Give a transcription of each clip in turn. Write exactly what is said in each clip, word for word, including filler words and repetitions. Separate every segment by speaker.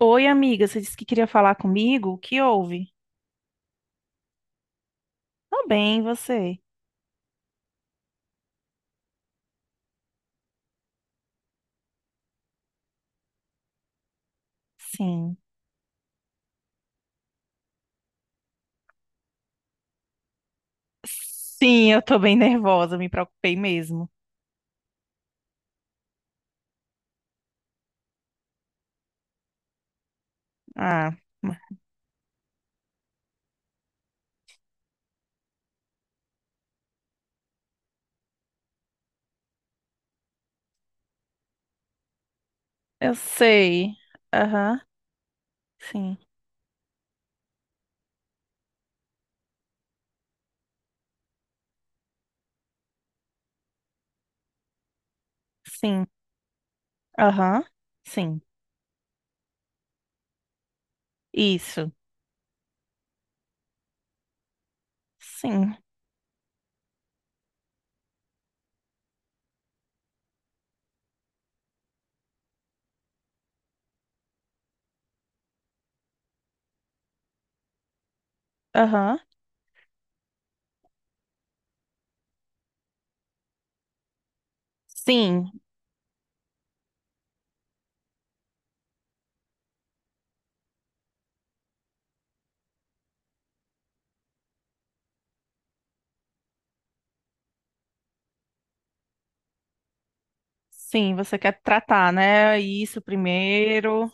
Speaker 1: Oi, amiga, você disse que queria falar comigo? O que houve? Tô bem, e você? Sim. Sim, eu tô bem nervosa, me preocupei mesmo. Ah, eu sei. Aham, sim. Sim. Aham, sim. Isso. Sim. Aham. Sim. Sim, você quer tratar, né? Isso primeiro.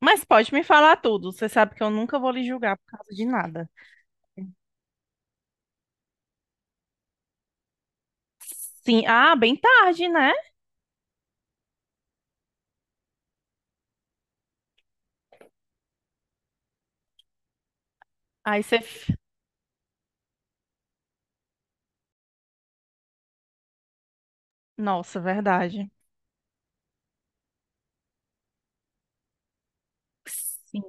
Speaker 1: Mas pode me falar tudo. Você sabe que eu nunca vou lhe julgar por causa de nada. Sim. Ah, bem tarde, né? Aí você. Nossa, verdade. Sim.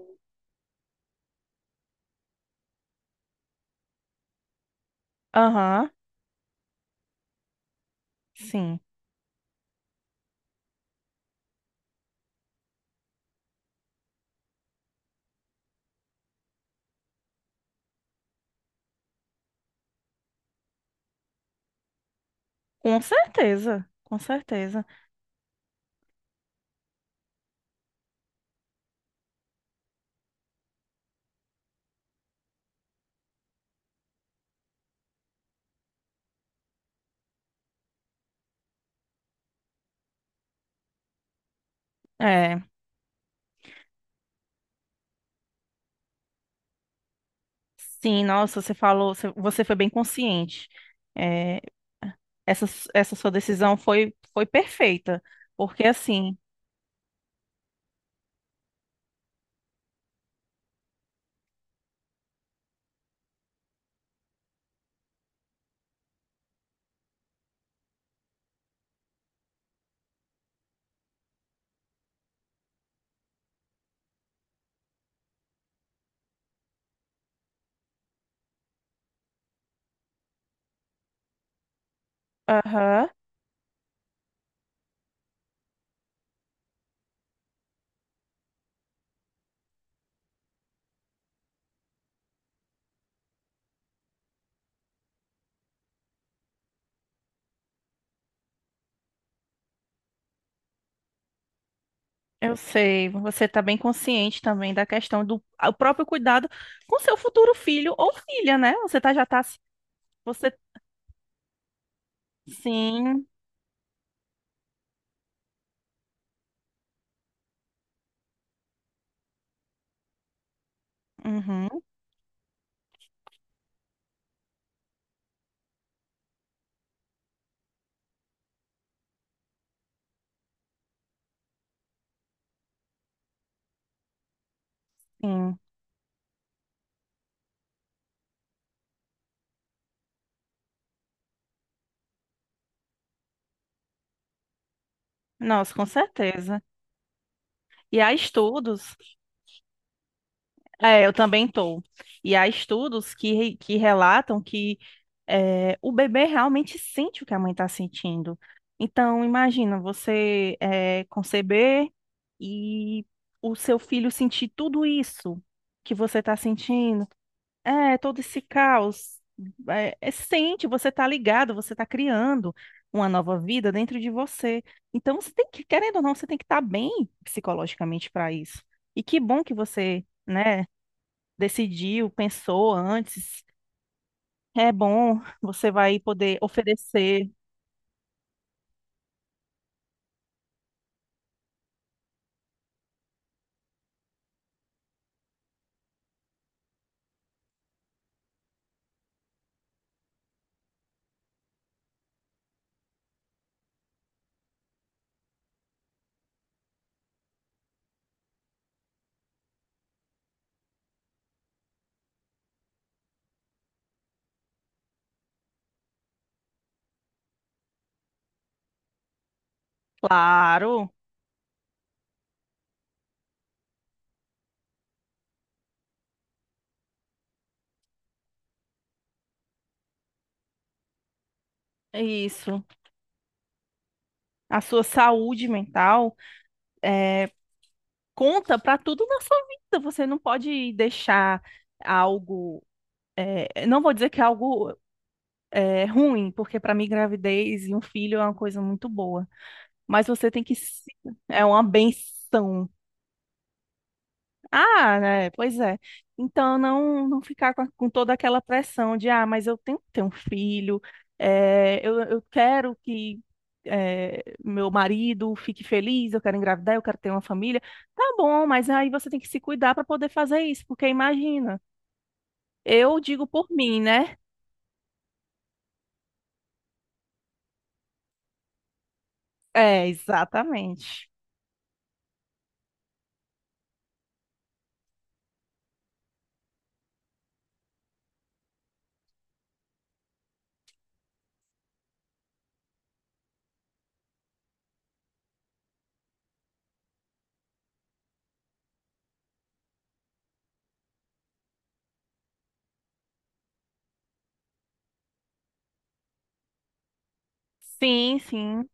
Speaker 1: Aham, sim. Com certeza, com certeza. É, sim, nossa, você falou, você você foi bem consciente. É, essa, essa sua decisão foi, foi perfeita, porque assim, aham, eu sei, você está bem consciente também da questão do ah, o próprio cuidado com seu futuro filho ou filha, né? Você tá, já tá, você, sim, uhum, sim. Nossa, com certeza. E há estudos. É, eu também tô. E há estudos que, re- que relatam que é, o bebê realmente sente o que a mãe está sentindo. Então, imagina você é, conceber e o seu filho sentir tudo isso que você está sentindo. É, todo esse caos. É, é, sente, você está ligado, você está criando uma nova vida dentro de você. Então, você tem que, querendo ou não, você tem que estar bem psicologicamente para isso. E que bom que você, né, decidiu, pensou antes. É bom, você vai poder oferecer, claro, é isso. A sua saúde mental conta para tudo na sua vida. Você não pode deixar algo, eh, não vou dizer que é algo eh, ruim, porque para mim gravidez e um filho é uma coisa muito boa, mas você tem que se- é uma benção. Ah, né? Pois é. Então, não, não ficar com, a- com toda aquela pressão de, ah, mas eu tenho que ter um filho, eh, eu, eu quero que eh, meu marido fique feliz, eu quero engravidar, eu quero ter uma família. Tá bom, mas aí você tem que se cuidar para poder fazer isso, porque imagina, eu digo por mim, né? É, exatamente. Sim, sim.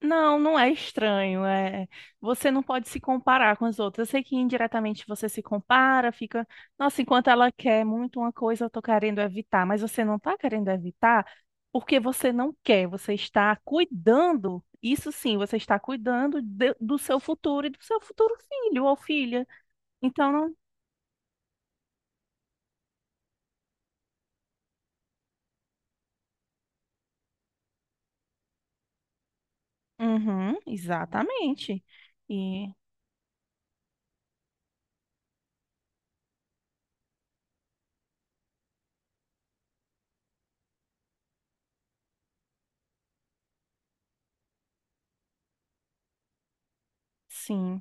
Speaker 1: Não, não é estranho. É, você não pode se comparar com as outras. Eu sei que indiretamente você se compara, fica, nossa, enquanto ela quer muito uma coisa, eu tô querendo evitar, mas você não tá querendo evitar porque você não quer, você está cuidando. Isso sim, você está cuidando de- do seu futuro e do seu futuro filho ou filha. Então, não... Uhum, exatamente. E sim.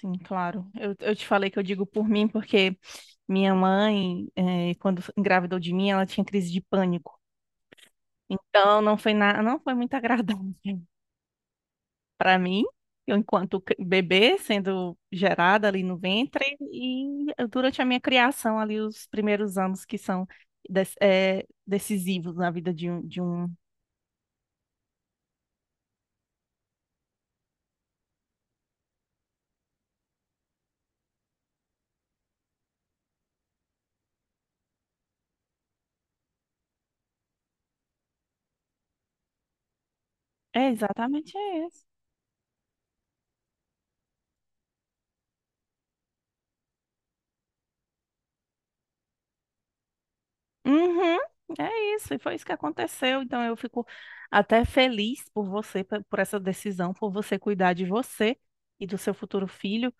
Speaker 1: Sim, claro. Eu, eu te falei que eu digo por mim porque minha mãe, eh, quando engravidou de mim, ela tinha crise de pânico. Então, não foi na, não foi muito agradável para mim, eu enquanto cri- bebê sendo gerada ali no ventre e durante a minha criação ali os primeiros anos que são des- eh, decisivos na vida de um, de um... É, exatamente. Uhum, é isso, e foi isso que aconteceu. Então eu fico até feliz por você, pe- por essa decisão, por você cuidar de você e do seu futuro filho,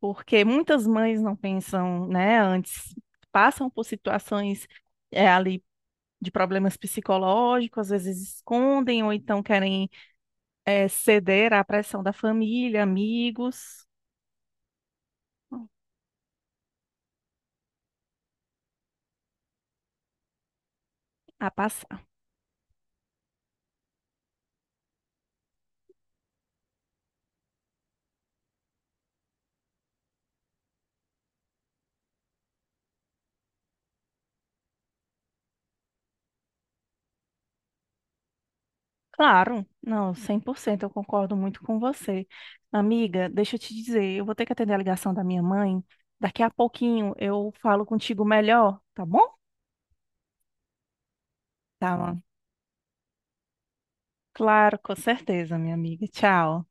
Speaker 1: porque muitas mães não pensam, né, antes, passam por situações é, ali de problemas psicológicos, às vezes escondem ou então querem é, ceder à pressão da família, amigos, a. Claro, não, cem por cento, eu concordo muito com você. Amiga, deixa eu te dizer, eu vou ter que atender a ligação da minha mãe. Daqui a pouquinho eu falo contigo melhor, tá bom? Tá, mano. Claro, com certeza, minha amiga. Tchau.